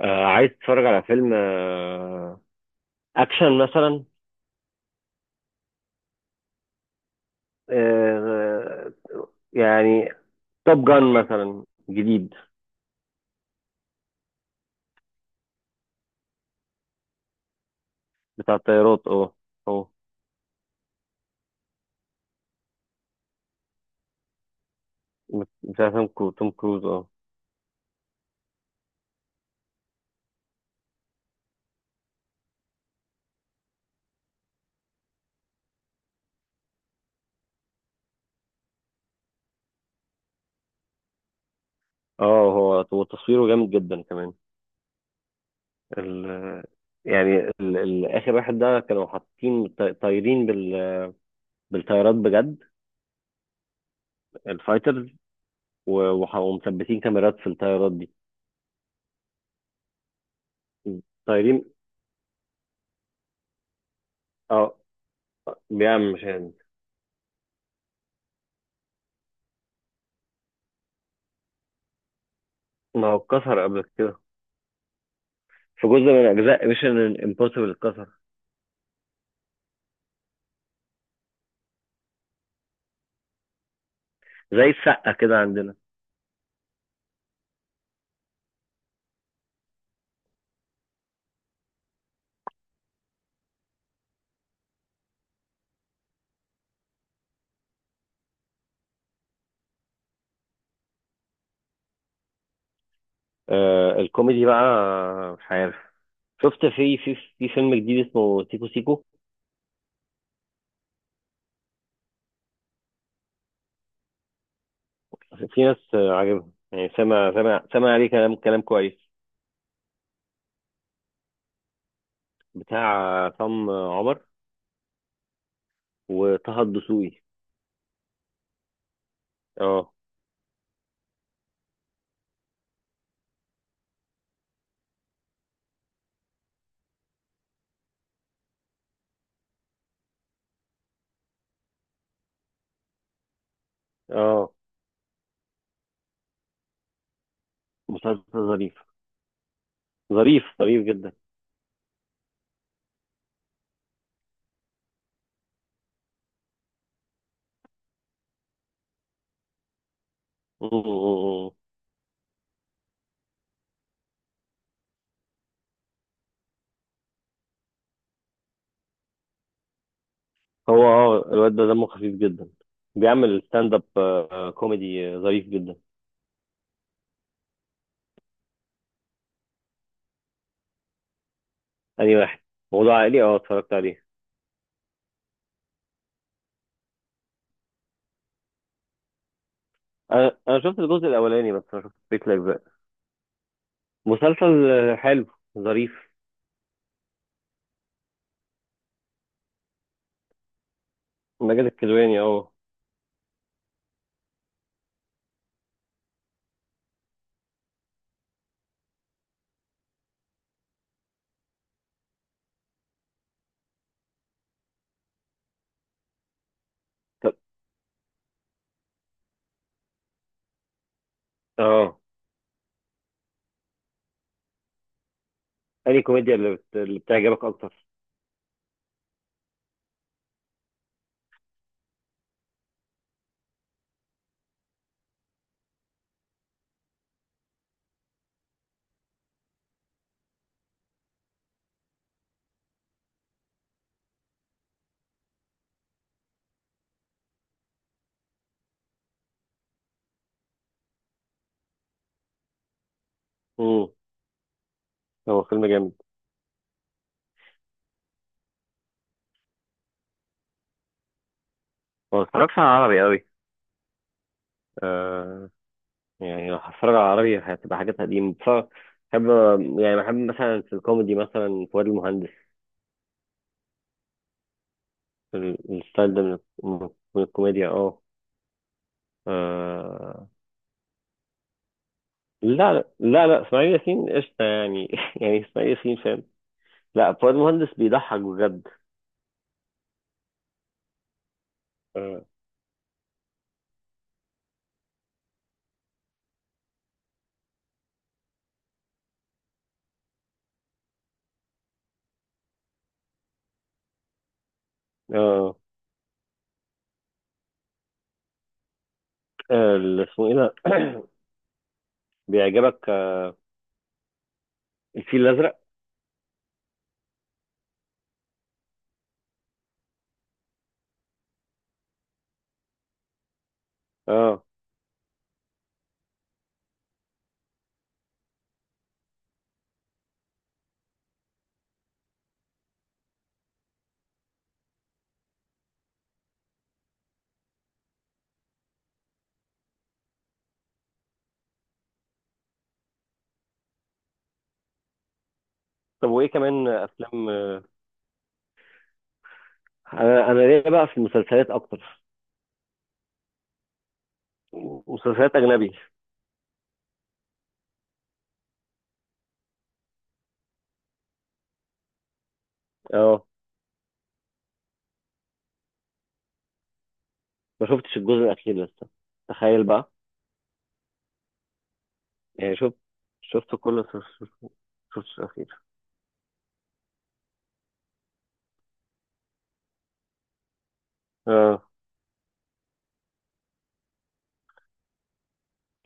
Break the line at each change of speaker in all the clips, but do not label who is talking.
آه، عايز تتفرج على فيلم اكشن مثلا؟ آه. يعني توب جان مثلا، جديد. بتاع الطيارات، اه. اه. بتاع توم كروز، اه. اه. هو تصويره جامد جدا كمان. ال يعني ال اخر واحد ده كانوا حاطين طايرين بالطيارات بجد. الفايترز. ومثبتين كاميرات في الطيارات دي. طايرين. اه. بيعمل مشاهد. ما هو اتكسر قبل كده. في جزء من اجزاء ميشن امبوسيبل اتكسر. زي السقه كده عندنا. آه، الكوميدي بقى. مش عارف. شفت في فيلم جديد اسمه سيكو سيكو. في ناس، عاجبها. يعني سامع عليه كلام كويس. بتاع عصام عمر وطه الدسوقي. اه. اه. مسلسل ظريف. ظريف ظريف جدا. م- م- م. م. هو، الواد ده دمه خفيف جدا. بيعمل ستاند اب كوميدي، ظريف جدا. أنهي واحد؟ موضوع عائلي، اتفرجت عليه. انا شفت الجزء الاولاني، بس ما شفتش بيك لايف بقى. مسلسل، حلو. ظريف. ماجد الكدواني، اه. طب- اه انهي كوميديا اللي بتعجبك اكتر؟ امم هو فيلم جامد. ما بتفرجش على عربي قوي. آه. يعني لو هتفرج على عربي، هتبقى حاجات قديمة بتفرج. بحب. يعني بحب مثلا في الكوميدي مثلا فؤاد المهندس. الستايل ده من- من الكوميديا، اه. آه، لا لا لا لا، اسماعيل ياسين قشطة يعني. يعني اسماعيل ياسين فاهم. لا، فؤاد مهندس بيضحك بجد. اه. اه. آه، اللي اسمه ايه ده؟ بيعجبك؟ الفيل الازرق. اه. طب، وايه كمان افلام؟ انا ليا بقى في المسلسلات اكتر. مسلسلات اجنبي. اه. ما شفتش الجزء الاخير لسه. تخيل بقى. يعني شفت شفت كل شفت شفت الاخير. اه.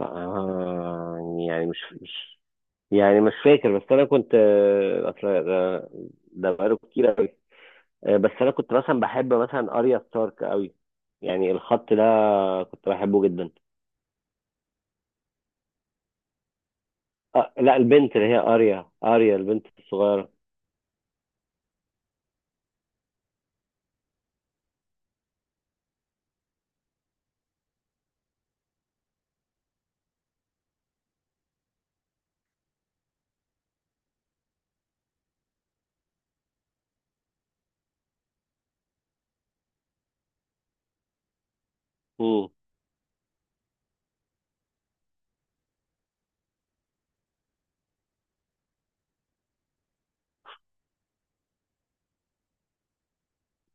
آه، يعني مش. يعني مش فاكر، بس انا كنت، اصل، ده بقاله كتير قوي. بس انا كنت مثلا بحب مثلا اريا ستارك قوي. يعني الخط ده كنت بحبه جدا. آه، لا، البنت اللي هي اريا، اريا البنت الصغيره. مم.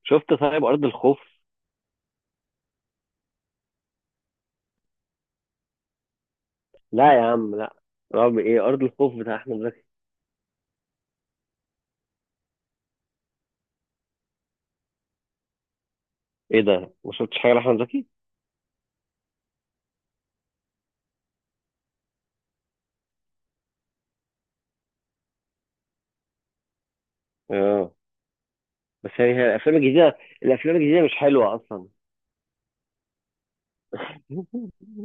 شفت طيب ارض الخوف؟ لا يا عم، لا. رعب ايه، ارض الخوف بتاع احمد زكي. ايه ده، ما شفتش حاجه لاحمد زكي؟ اه. بس يعني، هي الافلام الجديده الافلام الجديده مش حلوه اصلا.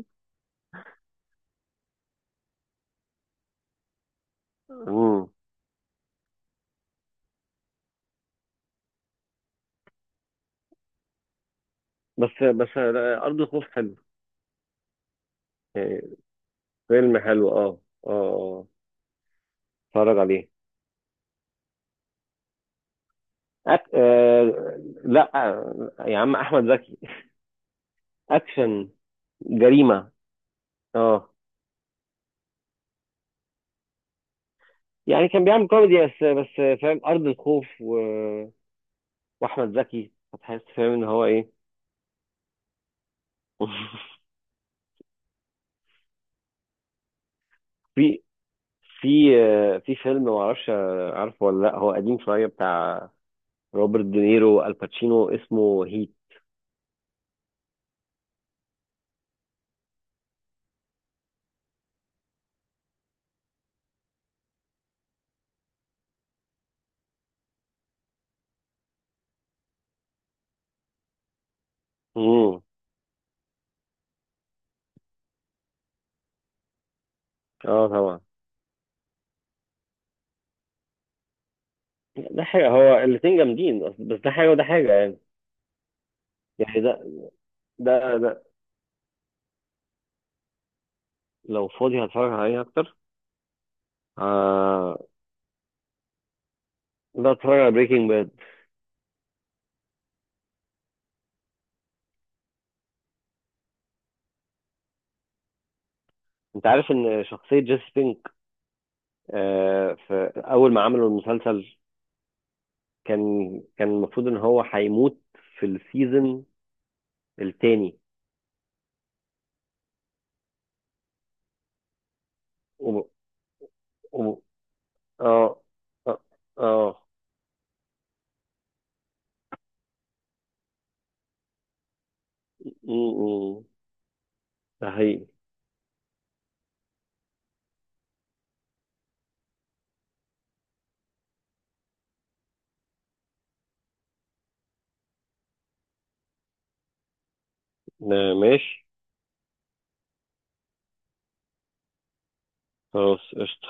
مم. بس لا، ارض الخوف حلو. يعني فيلم حلو، اه. اه، اه. اتفرج عليه. لا، يا عم احمد زكي. اكشن. جريمه. اه. يعني كان بيعمل كوميدي، بس فاهم، ارض الخوف واحمد زكي هتحس فاهم ان هو ايه. في في فيلم ما اعرفش عارفه ولا لا، هو قديم شويه، بتاع روبرت دينيرو الباتشينو، اسمه هيت. امم. اه، طبعا. ده حاجه، هو الاتنين جامدين، بس ده حاجه وده حاجه يعني. يعني ده لو فاضي هتفرج عليه اكتر. آه. لا، اتفرج على بريكنج باد. انت عارف ان شخصية جيسي بينك؟ آه، في اول ما عملوا المسلسل، كان كان المفروض ان هو هيموت في السيزون التاني. وب... وب... اه، اه، اه. م- م. ده حقيقي. ماشي. خلاص، قشطة.